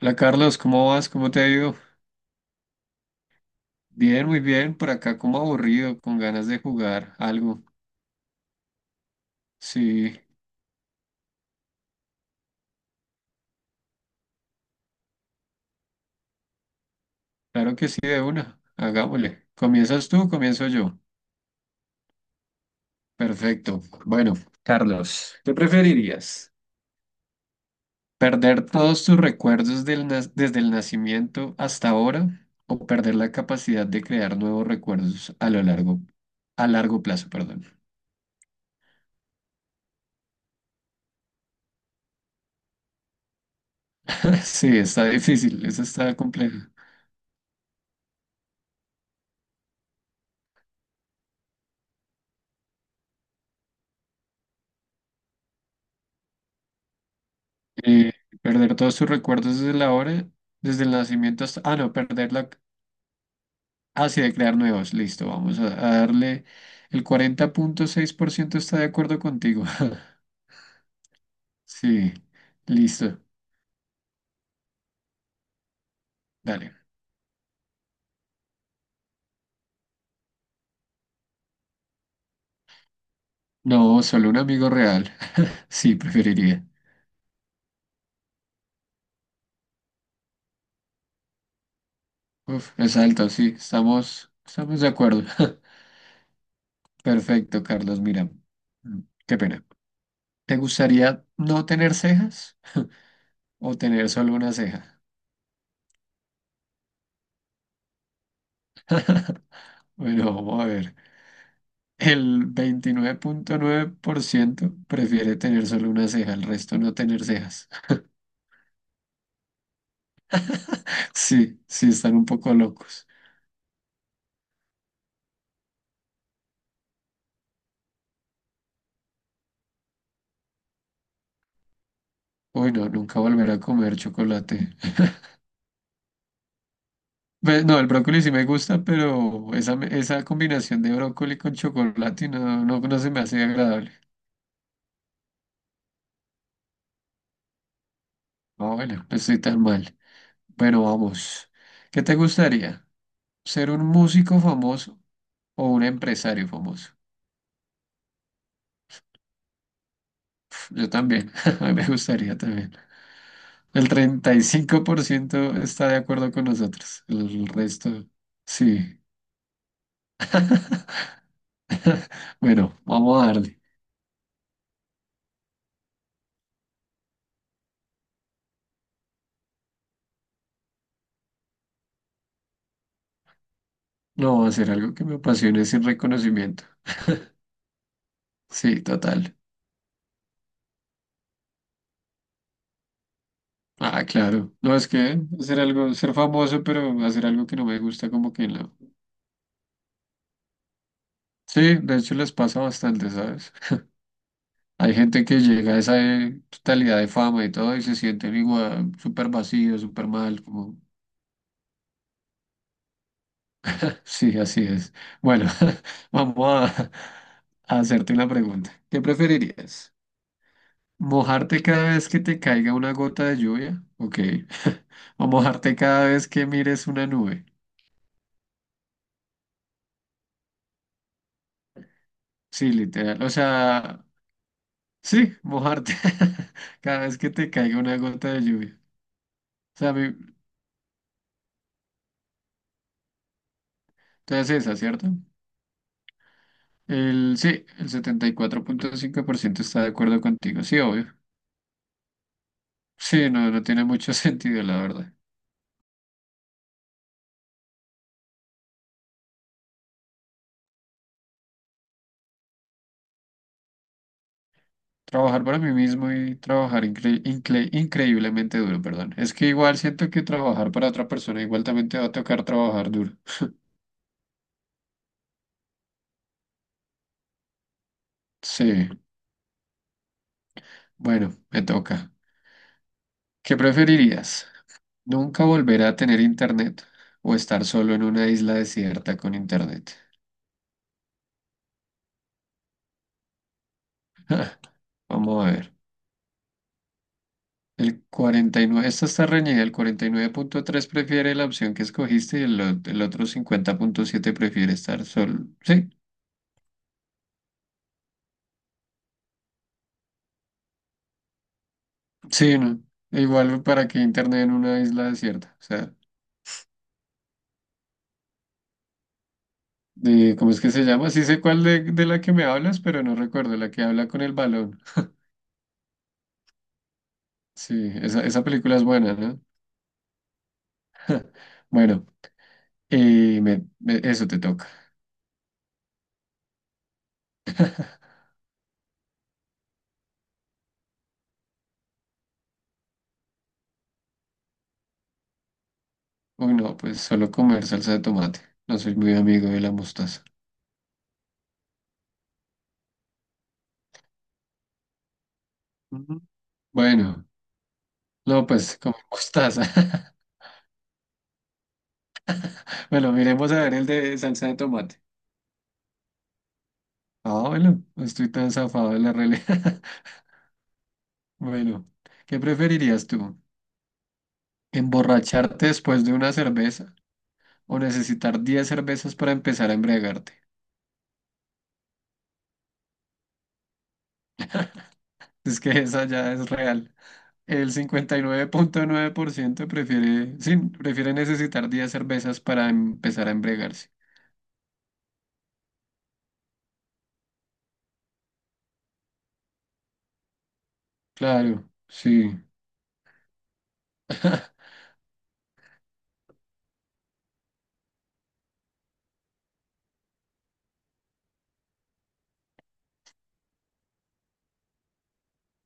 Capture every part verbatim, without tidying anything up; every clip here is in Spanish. Hola Carlos, ¿cómo vas? ¿Cómo te ha ido? Bien, muy bien. Por acá como aburrido, con ganas de jugar algo. Sí, claro que sí, de una. Hagámosle. ¿Comienzas tú o comienzo yo? Perfecto. Bueno, Carlos, ¿qué preferirías? ¿Perder todos tus recuerdos del na- desde el nacimiento hasta ahora o perder la capacidad de crear nuevos recuerdos a lo largo, a largo plazo, perdón? Sí, está difícil, eso está complejo. Eh, perder todos tus recuerdos desde la hora, desde el nacimiento hasta... Ah, no, perder la... Ah, sí, de crear nuevos. Listo, vamos a, a darle... El cuarenta punto seis por ciento está de acuerdo contigo. Sí, listo. Dale. No, solo un amigo real. Sí, preferiría. Uf, es alto, sí. Estamos, estamos de acuerdo. Perfecto, Carlos. Mira, mm, qué pena. ¿Te gustaría no tener cejas o tener solo una ceja? Bueno, vamos a ver. El veintinueve punto nueve por ciento prefiere tener solo una ceja, el resto no tener cejas. Sí, sí, están un poco locos. Uy, no, nunca volver a comer chocolate. Ve- No, el brócoli sí me gusta, pero esa, me- esa combinación de brócoli con chocolate no, no, no se me hace agradable. Ah, bueno, no estoy tan mal. Bueno, vamos. ¿Qué te gustaría? ¿Ser un músico famoso o un empresario famoso? Yo también, me gustaría también. El treinta y cinco por ciento está de acuerdo con nosotros. El resto, sí. Bueno, vamos a darle. No, hacer algo que me apasione sin reconocimiento. Sí, total. Ah, claro. No, es que hacer algo, ser famoso, pero hacer algo que no me gusta, como que no. Sí, de hecho les pasa bastante, ¿sabes? Hay gente que llega a esa eh, totalidad de fama y todo y se sienten igual, súper vacío, súper mal, como. Sí, así es. Bueno, vamos a, a hacerte una pregunta. ¿Qué preferirías? ¿Mojarte cada vez que te caiga una gota de lluvia? Ok. ¿O mojarte cada vez que mires una nube? Sí, literal. O sea, sí, mojarte cada vez que te caiga una gota de lluvia. O sea, a mí- entonces esa, ¿cierto? El, sí, el setenta y cuatro punto cinco por ciento está de acuerdo contigo. Sí, obvio. Sí, no, no tiene mucho sentido, la verdad. Trabajar para mí mismo y trabajar incre- incre- increíblemente duro, perdón. Es que igual siento que trabajar para otra persona igual también te va a tocar trabajar duro. Sí, bueno, me toca. ¿Qué preferirías? ¿Nunca volver a tener internet o estar solo en una isla desierta con internet? Vamos a ver. El cuarenta y nueve Esta está reñida. El cuarenta y nueve punto tres prefiere la opción que escogiste y el, o- el otro cincuenta punto siete prefiere estar solo. Sí, sí, no. E Igual para que internet en una isla desierta. O sea, de, ¿cómo es que se llama? Sí sé cuál de, de la que me hablas, pero no recuerdo, la que habla con el balón. Sí, esa, esa película es buena, ¿no? Bueno, eh, me- me- eso te toca. Uy, no, pues solo comer salsa de tomate. No soy muy amigo de la mostaza. Ujú. Bueno, no, pues comer mostaza. Bueno, miremos a ver el de salsa de tomate. Ah, bueno, no estoy tan zafado de la realidad. Bueno, ¿qué preferirías tú? Emborracharte después de una cerveza o necesitar diez cervezas para empezar a embriagarte. Es que esa ya es real. El cincuenta y nueve nueve punto nueve por ciento prefiere, sí, prefiere necesitar diez cervezas para empezar a embriagarse. Claro, sí.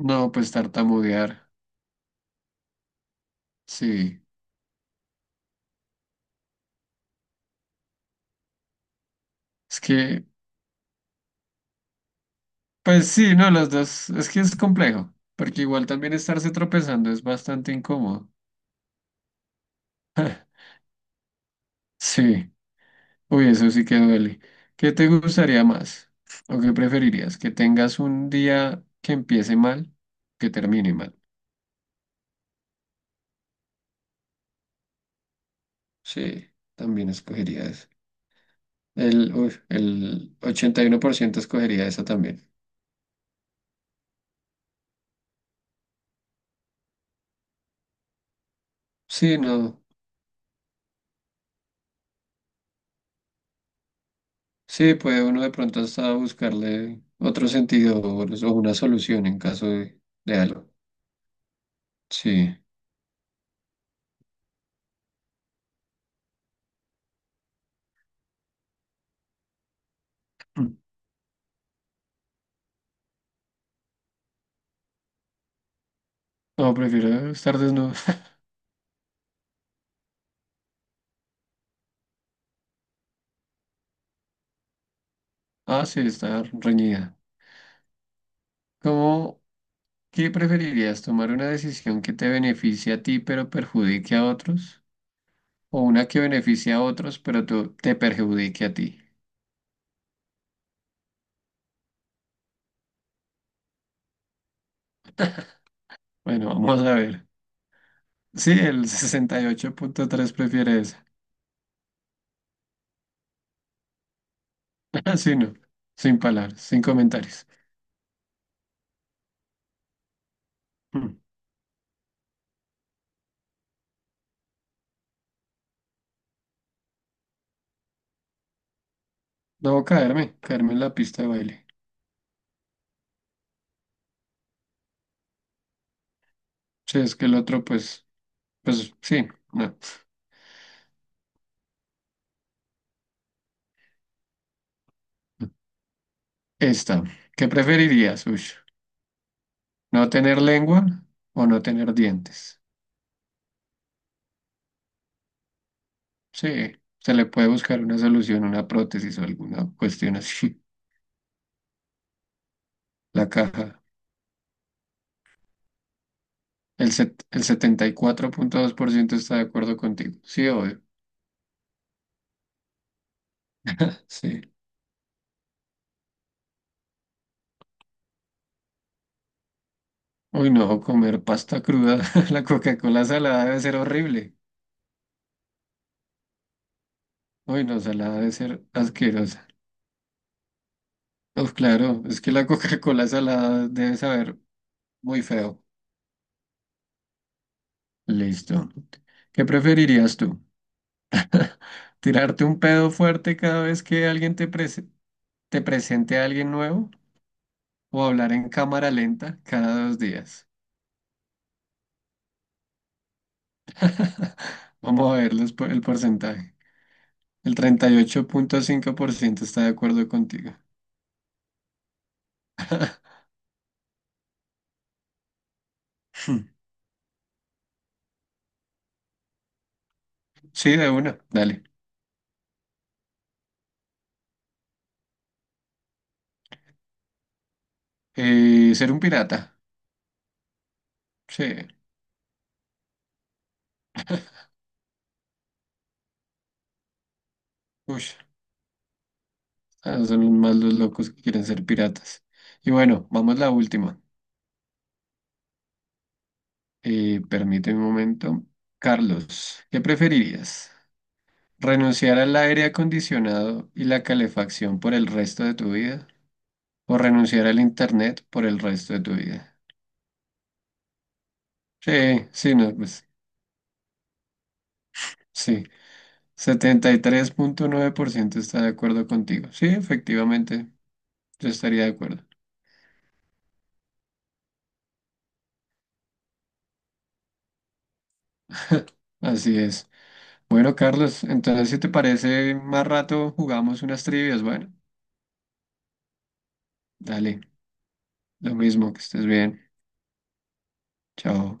No, pues tartamudear. Sí. Es que, pues sí, no, las dos. Es que es complejo, porque igual también estarse tropezando es bastante incómodo. Sí. Uy, eso sí que duele. ¿Qué te gustaría más? ¿O qué preferirías? ¿Que tengas un día que empiece mal, que termine mal? Sí, también escogería eso. El, uy, el ochenta y uno por ciento escogería esa también. Sí, no. Sí, puede uno de pronto hasta buscarle otro sentido o o una solución en caso de, de algo. Sí. Mm. No, prefiero estar desnudo. Ah, sí, estar reñida. ¿Cómo? ¿Qué preferirías, tomar una decisión que te beneficie a ti pero perjudique a otros? ¿O una que beneficie a otros pero tú- te perjudique a ti? Bueno, vamos a ver. Sí, el sesenta y ocho punto tres prefiere esa. Así no, sin palabras, sin comentarios. Mm. Debo caerme, caerme en la pista de baile. Si es que el otro, pues, pues sí, no. Esta, ¿qué preferirías, Ush? ¿No tener lengua o no tener dientes? Sí, se le puede buscar una solución, una prótesis o alguna cuestión así. La caja. El, set- el setenta y cuatro punto dos por ciento está de acuerdo contigo. Sí, obvio. Sí. Uy, no, comer pasta cruda. La Coca-Cola salada debe ser horrible. Uy, no, salada debe ser asquerosa. Uf, claro, es que la Coca-Cola salada debe saber muy feo. Listo. ¿Qué preferirías tú? ¿Tirarte un pedo fuerte cada vez que alguien te, prese- te presente a alguien nuevo? ¿O hablar en cámara lenta cada dos días? Vamos a ver los por- el porcentaje. El treinta y ocho punto cinco por ciento está de acuerdo contigo. Sí, de una, dale. Eh, ser un pirata. Sí, uy, son más los locos que quieren ser piratas. Y bueno, vamos a la última. Eh, permíteme un momento. Carlos, ¿qué preferirías? ¿Renunciar al aire acondicionado y la calefacción por el resto de tu vida? ¿O renunciar al internet por el resto de tu vida? Sí, sí, no, pues sí. Setenta y tres punto nueve por ciento está de acuerdo contigo. Sí, efectivamente, yo estaría de acuerdo. Así es. Bueno, Carlos, entonces si te parece, más rato jugamos unas trivias. Bueno, dale, lo mismo, que estés bien. Chao.